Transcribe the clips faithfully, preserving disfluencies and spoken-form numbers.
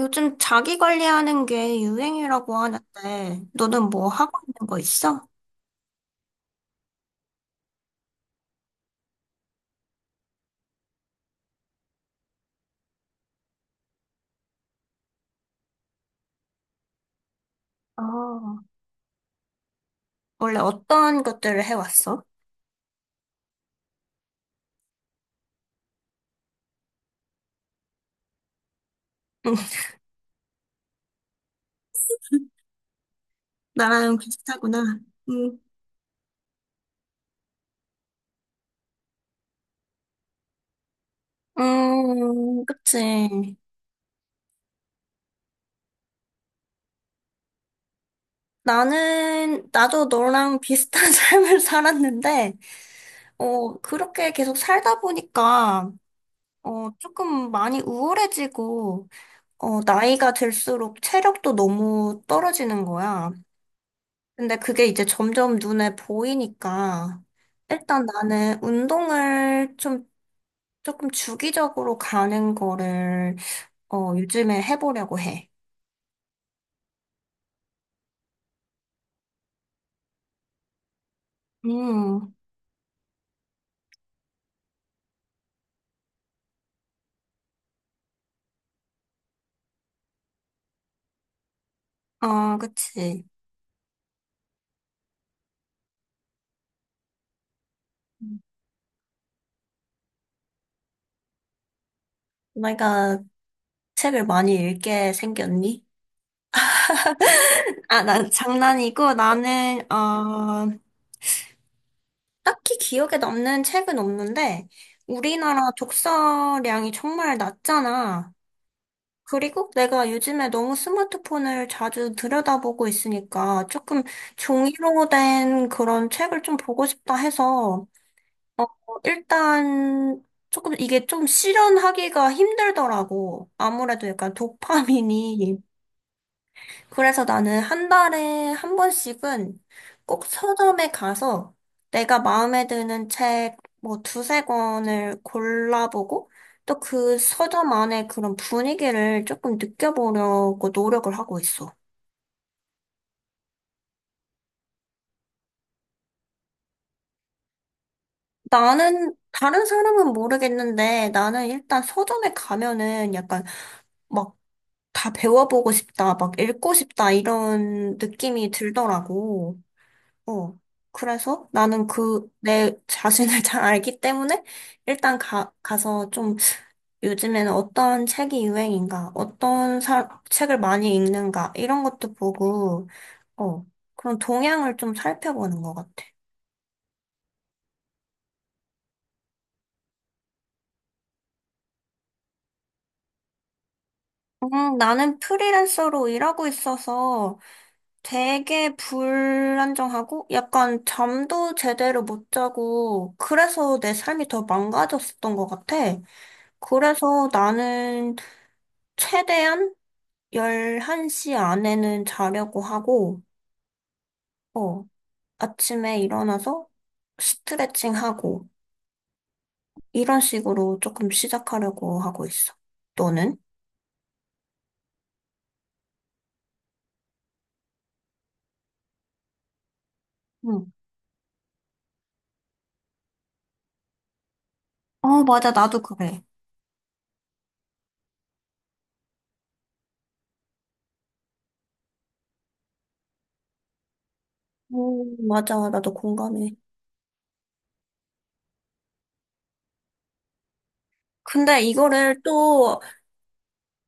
요즘 자기 관리하는 게 유행이라고 하는데, 너는 뭐 하고 있는 거 있어? 아, 원래 어떤 것들을 해왔어? 나랑 비슷하구나. 음, 음, 그치. 나는, 나도 너랑 비슷한 삶을 살았는데, 어, 그렇게 계속 살다 보니까, 어, 조금 많이 우울해지고, 어, 나이가 들수록 체력도 너무 떨어지는 거야. 근데 그게 이제 점점 눈에 보이니까 일단 나는 운동을 좀 조금 주기적으로 가는 거를 어, 요즘에 해보려고 해. 음, 아, 그치. 내가 책을 많이 읽게 생겼니? 아, 난 장난이고 나는 어, 딱히 기억에 남는 책은 없는데 우리나라 독서량이 정말 낮잖아. 그리고 내가 요즘에 너무 스마트폰을 자주 들여다보고 있으니까 조금 종이로 된 그런 책을 좀 보고 싶다 해서, 어, 일단 조금 이게 좀 실현하기가 힘들더라고. 아무래도 약간 도파민이. 그래서 나는 한 달에 한 번씩은 꼭 서점에 가서 내가 마음에 드는 책 뭐 두세 권을 골라보고 또 그 서점 안에 그런 분위기를 조금 느껴보려고 노력을 하고 있어. 나는 다른 사람은 모르겠는데 나는 일단 서점에 가면은 약간 막 다 배워보고 싶다, 막 읽고 싶다 이런 느낌이 들더라고. 어. 그래서 나는 그, 내 자신을 잘 알기 때문에 일단 가, 가서 좀 요즘에는 어떤 책이 유행인가, 어떤 사, 책을 많이 읽는가, 이런 것도 보고, 어, 그런 동향을 좀 살펴보는 것 같아. 음, 나는 프리랜서로 일하고 있어서 되게 불안정하고 약간 잠도 제대로 못 자고 그래서 내 삶이 더 망가졌었던 것 같아. 그래서 나는 최대한 열한 시 안에는 자려고 하고, 어, 아침에 일어나서 스트레칭하고, 이런 식으로 조금 시작하려고 하고 있어. 너는? 응. 어, 맞아. 나도 그래. 음, 맞아. 나도 공감해. 근데 이거를 또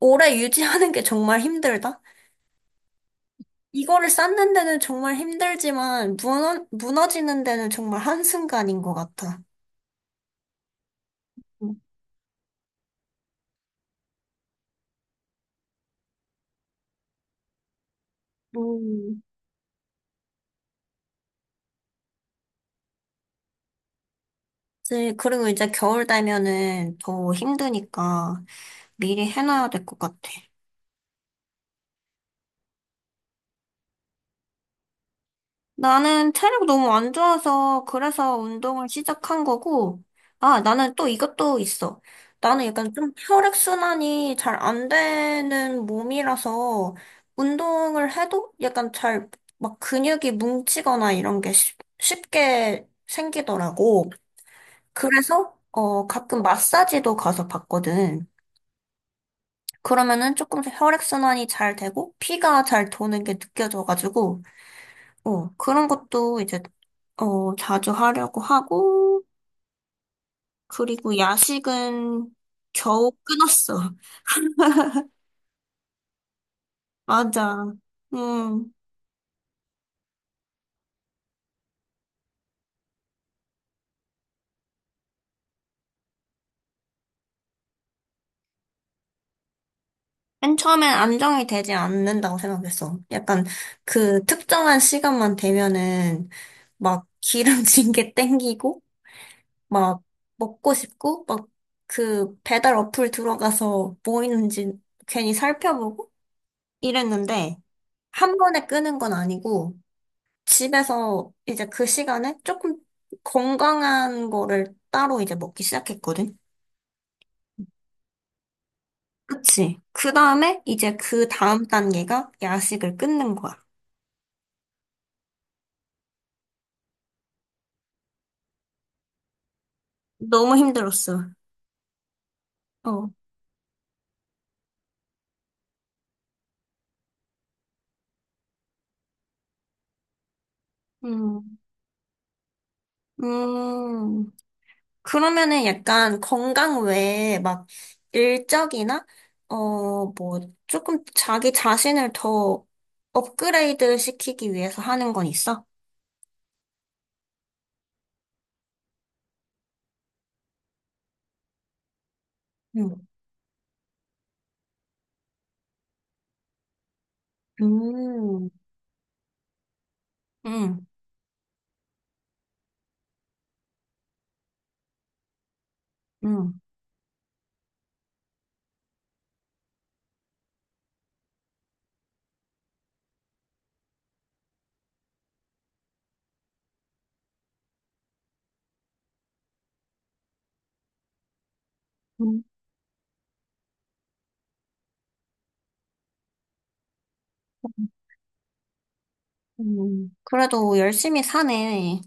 오래 유지하는 게 정말 힘들다. 이거를 쌓는 데는 정말 힘들지만, 무너, 무너지는 데는 정말 한순간인 것 같아. 음. 이제 그리고 이제 겨울 되면은 더 힘드니까 미리 해놔야 될 것 같아. 나는 체력 너무 안 좋아서 그래서 운동을 시작한 거고, 아, 나는 또 이것도 있어. 나는 약간 좀 혈액순환이 잘 안 되는 몸이라서 운동을 해도 약간 잘 막 근육이 뭉치거나 이런 게 쉽- 쉽게 생기더라고. 그래서, 어, 가끔 마사지도 가서 받거든. 그러면은 조금 혈액순환이 잘 되고, 피가 잘 도는 게 느껴져가지고, 어, 그런 것도 이제, 어, 자주 하려고 하고, 그리고 야식은 겨우 끊었어. 맞아. 음. 맨 처음엔 안정이 되지 않는다고 생각했어. 약간 그 특정한 시간만 되면은 막 기름진 게 땡기고, 막 먹고 싶고, 막 그 배달 어플 들어가서 뭐 있는지 괜히 살펴보고, 일했는데 한 번에 끄는 건 아니고 집에서 이제 그 시간에 조금 건강한 거를 따로 이제 먹기 시작했거든. 그치. 그 다음에 이제 그 다음 단계가 야식을 끊는 거야. 너무 힘들었어. 어. 음. 음. 그러면은 약간 건강 외에 막 일적이나 어, 뭐 조금 자기 자신을 더 업그레이드 시키기 위해서 하는 건 있어? 응. 음, 응, 응. 음, 음. 그래도 열심히 사네.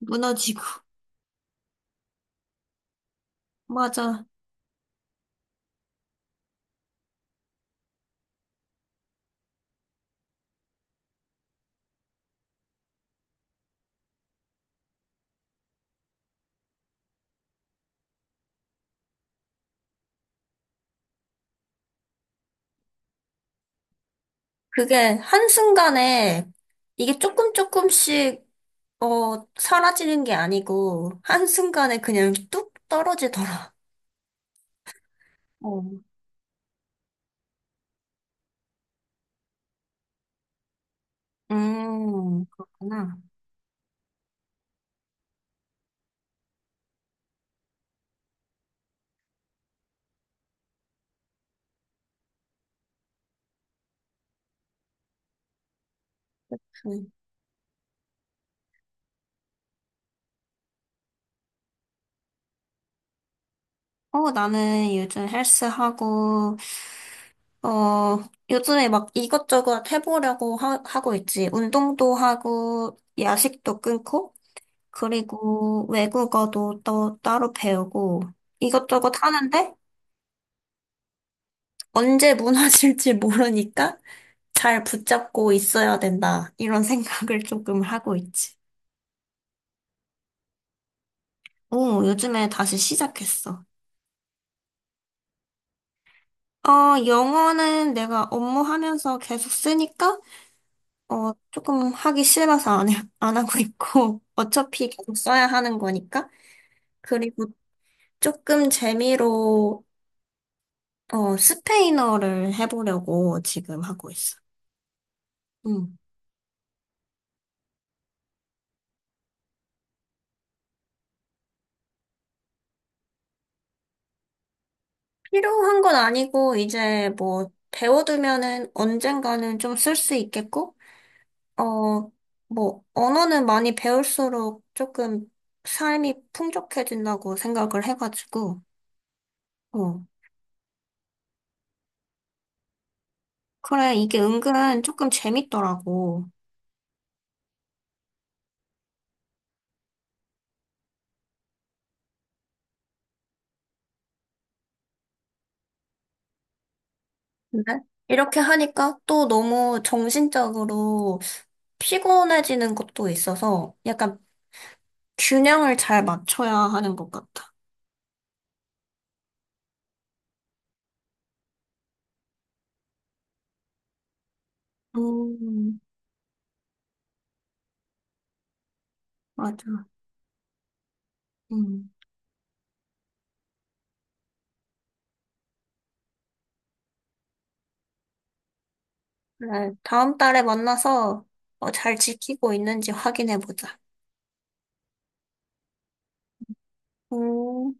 무너지고. 맞아. 그게 한순간에 이게 조금 조금씩, 어, 사라지는 게 아니고, 한순간에 그냥 뚝 떨어지더라. 어. 음, 그렇구나. 음. 어, 나는 요즘 헬스하고, 어, 요즘에 막 이것저것 해보려고 하, 하고 있지. 운동도 하고, 야식도 끊고, 그리고 외국어도 또 따로 배우고 이것저것 하는데 언제 무너질지 모르니까 잘 붙잡고 있어야 된다. 이런 생각을 조금 하고 있지. 오, 요즘에 다시 시작했어. 어, 영어는 내가 업무하면서 계속 쓰니까 어, 조금 하기 싫어서 안, 해, 안 하고 있고 어차피 계속 써야 하는 거니까. 그리고 조금 재미로 어, 스페인어를 해보려고 지금 하고 있어. 음. 필요한 건 아니고, 이제 뭐, 배워두면은 언젠가는 좀 쓸 수 있겠고, 어, 뭐, 언어는 많이 배울수록 조금 삶이 풍족해진다고 생각을 해가지고, 어, 그래, 이게 은근 조금 재밌더라고. 근데 이렇게 하니까 또 너무 정신적으로 피곤해지는 것도 있어서 약간 균형을 잘 맞춰야 하는 것 같아. 음, 맞아. 음. 그래, 다음 달에 만나서 어, 잘 지키고 있는지 확인해 보자. 음.